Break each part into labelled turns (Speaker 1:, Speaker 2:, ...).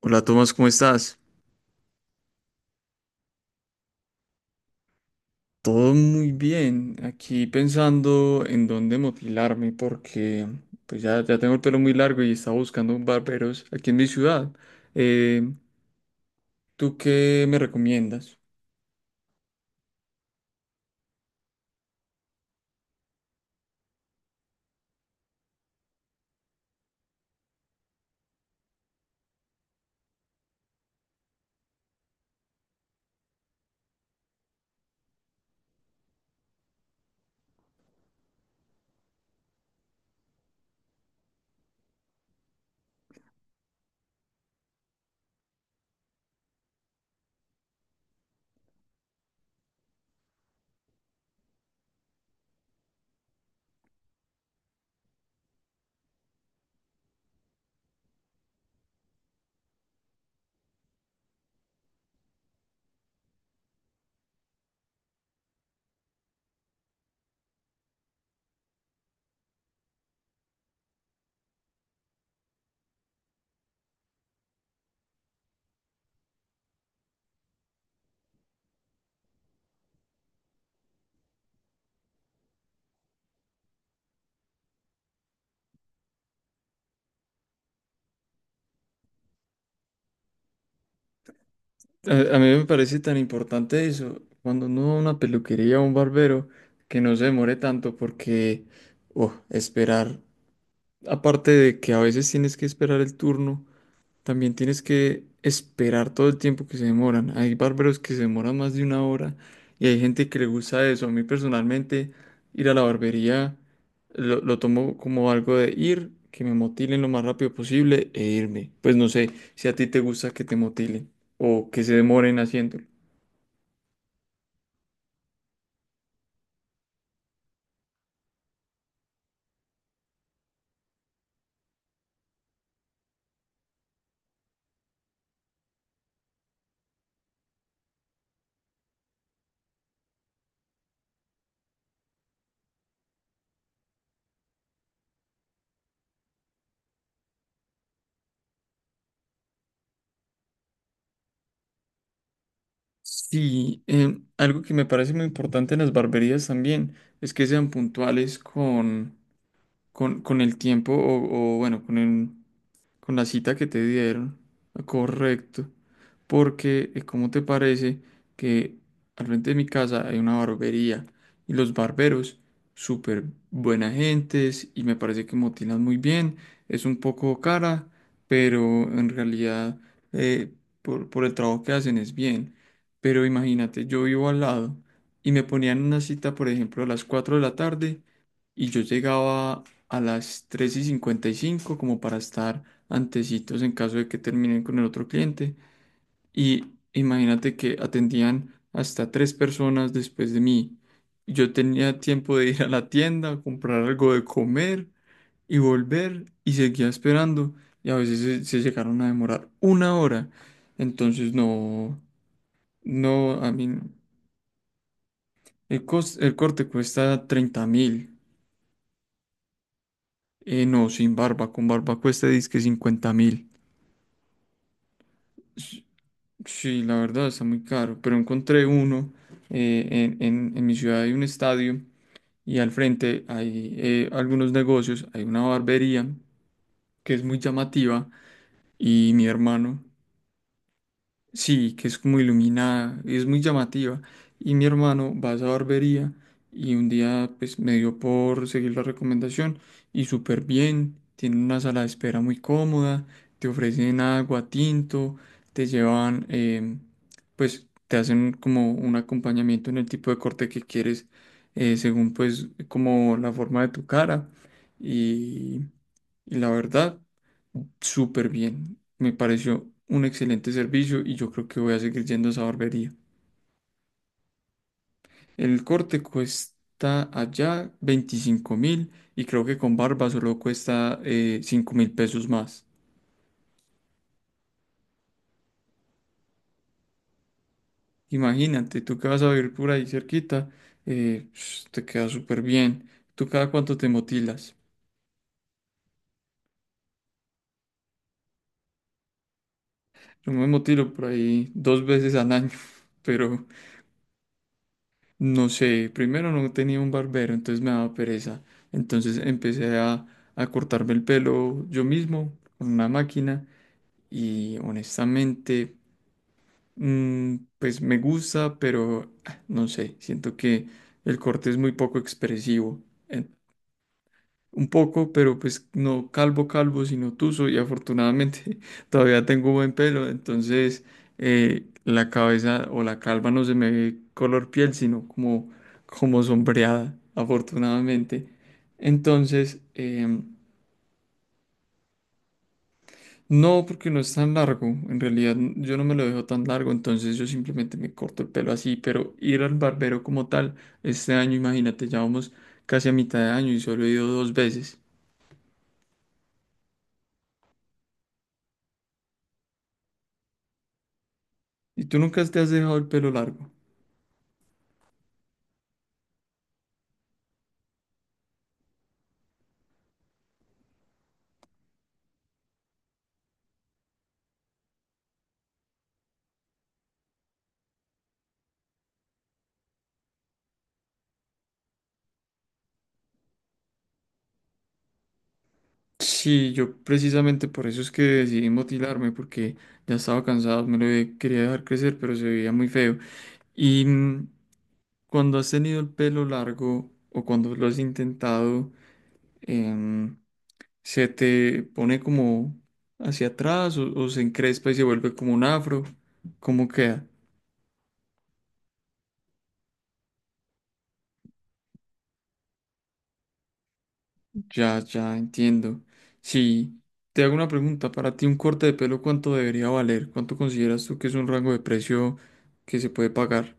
Speaker 1: Hola Tomás, ¿cómo estás? Todo muy bien. Aquí pensando en dónde motilarme porque pues ya, ya tengo el pelo muy largo y estaba buscando un barberos aquí en mi ciudad. Eh, ¿tú qué me recomiendas? A mí me parece tan importante eso, cuando uno va a una peluquería o un barbero, que no se demore tanto porque oh, esperar, aparte de que a veces tienes que esperar el turno. También tienes que esperar todo el tiempo que se demoran. Hay barberos que se demoran más de una hora y hay gente que le gusta eso. A mí personalmente, ir a la barbería lo tomo como algo de ir, que me motilen lo más rápido posible e irme. Pues no sé si a ti te gusta que te motilen o que se demoren haciéndolo. Sí, algo que me parece muy importante en las barberías también es que sean puntuales con con el tiempo o, bueno, con la cita que te dieron. Correcto. Porque, ¿cómo te parece que al frente de mi casa hay una barbería y los barberos, súper buena gentes y me parece que motilan muy bien? Es un poco cara, pero en realidad eh, por el trabajo que hacen es bien. Pero imagínate, yo vivo al lado y me ponían una cita, por ejemplo, a las 4 de la tarde y yo llegaba a las 3:55 como para estar antecitos en caso de que terminen con el otro cliente. Y imagínate que atendían hasta tres personas después de mí. Yo tenía tiempo de ir a la tienda, comprar algo de comer y volver y seguía esperando. Y a veces se llegaron a demorar una hora. Entonces no, no, a mí el corte cuesta 30.000. No, sin barba, con barba cuesta dizque 50.000. S- Sí, la verdad está muy caro, pero encontré uno en mi ciudad hay un estadio y al frente hay algunos negocios, hay una barbería que es muy llamativa y mi hermano. Sí, que es como iluminada, es muy llamativa. Y mi hermano va a esa barbería y un día pues me dio por seguir la recomendación y súper bien, tiene una sala de espera muy cómoda, te ofrecen agua, tinto, te llevan, pues te hacen como un acompañamiento en el tipo de corte que quieres, según pues como la forma de tu cara y, y la verdad, súper bien. Me pareció un excelente servicio y yo creo que voy a seguir yendo a esa barbería. El corte cuesta allá 25.000 y creo que con barba solo cuesta 5.000 pesos más. Imagínate, tú que vas a vivir por ahí cerquita, te queda súper bien. ¿Tú cada cuánto te motilas? Yo me motilo por ahí dos veces al año, pero no sé, primero no tenía un barbero, entonces me daba pereza. Entonces empecé a cortarme el pelo yo mismo con una máquina y honestamente, pues me gusta, pero no sé, siento que el corte es muy poco expresivo un poco, pero pues no calvo calvo, sino tuso y afortunadamente todavía tengo buen pelo, entonces la cabeza o la calva no se me ve color piel, sino como sombreada, afortunadamente. Entonces, no, porque no es tan largo, en realidad yo no me lo dejo tan largo, entonces yo simplemente me corto el pelo así, pero ir al barbero como tal, este año, imagínate, ya vamos casi a mitad de año y solo he ido dos veces. ¿Y tú nunca te has dejado el pelo largo? Sí, yo precisamente por eso es que decidí motilarme, porque ya estaba cansado, quería dejar crecer, pero se veía muy feo. Y cuando has tenido el pelo largo o cuando lo has intentado, em, se te pone como hacia atrás o se encrespa y se vuelve como un afro. ¿Cómo queda? Ya, ya entiendo. Si te hago una pregunta, para ti un corte de pelo, ¿cuánto debería valer? ¿Cuánto consideras tú que es un rango de precio que se puede pagar?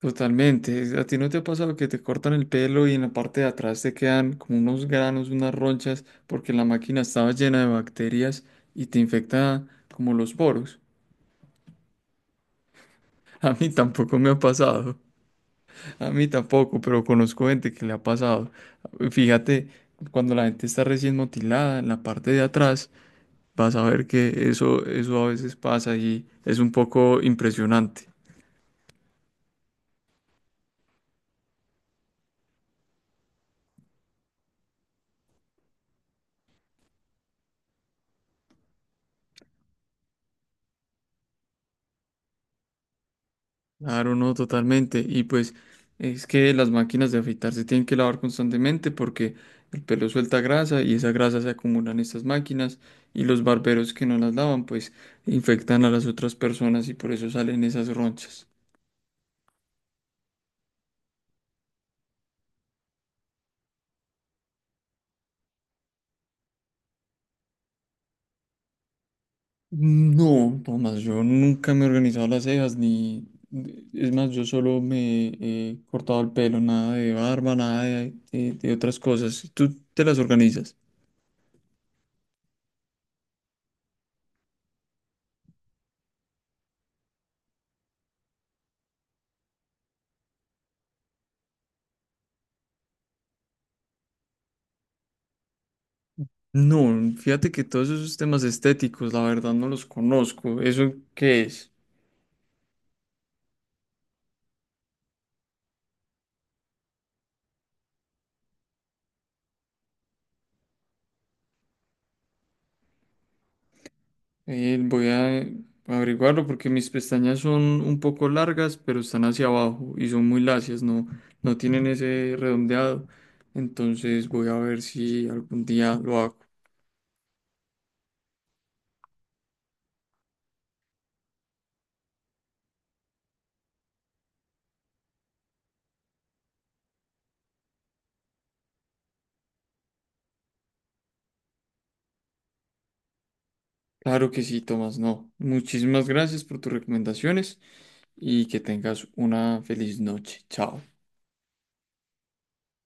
Speaker 1: Totalmente. ¿A ti no te ha pasado que te cortan el pelo y en la parte de atrás te quedan como unos granos, unas ronchas, porque la máquina estaba llena de bacterias y te infecta como los poros? A mí tampoco me ha pasado. A mí tampoco, pero conozco gente que le ha pasado. Fíjate, cuando la gente está recién motilada en la parte de atrás, vas a ver que eso a veces pasa y es un poco impresionante. Claro, no, totalmente. Y pues es que las máquinas de afeitar se tienen que lavar constantemente porque el pelo suelta grasa y esa grasa se acumula en estas máquinas y los barberos que no las lavan pues infectan a las otras personas y por eso salen esas ronchas. No, Tomás, yo nunca me he organizado las cejas ni... Es más, yo solo me he cortado el pelo, nada de barba, nada de otras cosas. ¿Tú te las organizas? No, fíjate que todos esos temas estéticos, la verdad no los conozco. ¿Eso qué es? Voy a averiguarlo porque mis pestañas son un poco largas, pero están hacia abajo y son muy lacias, no, no tienen ese redondeado. Entonces voy a ver si algún día lo hago. Claro que sí, Tomás, no. Muchísimas gracias por tus recomendaciones y que tengas una feliz noche. Chao.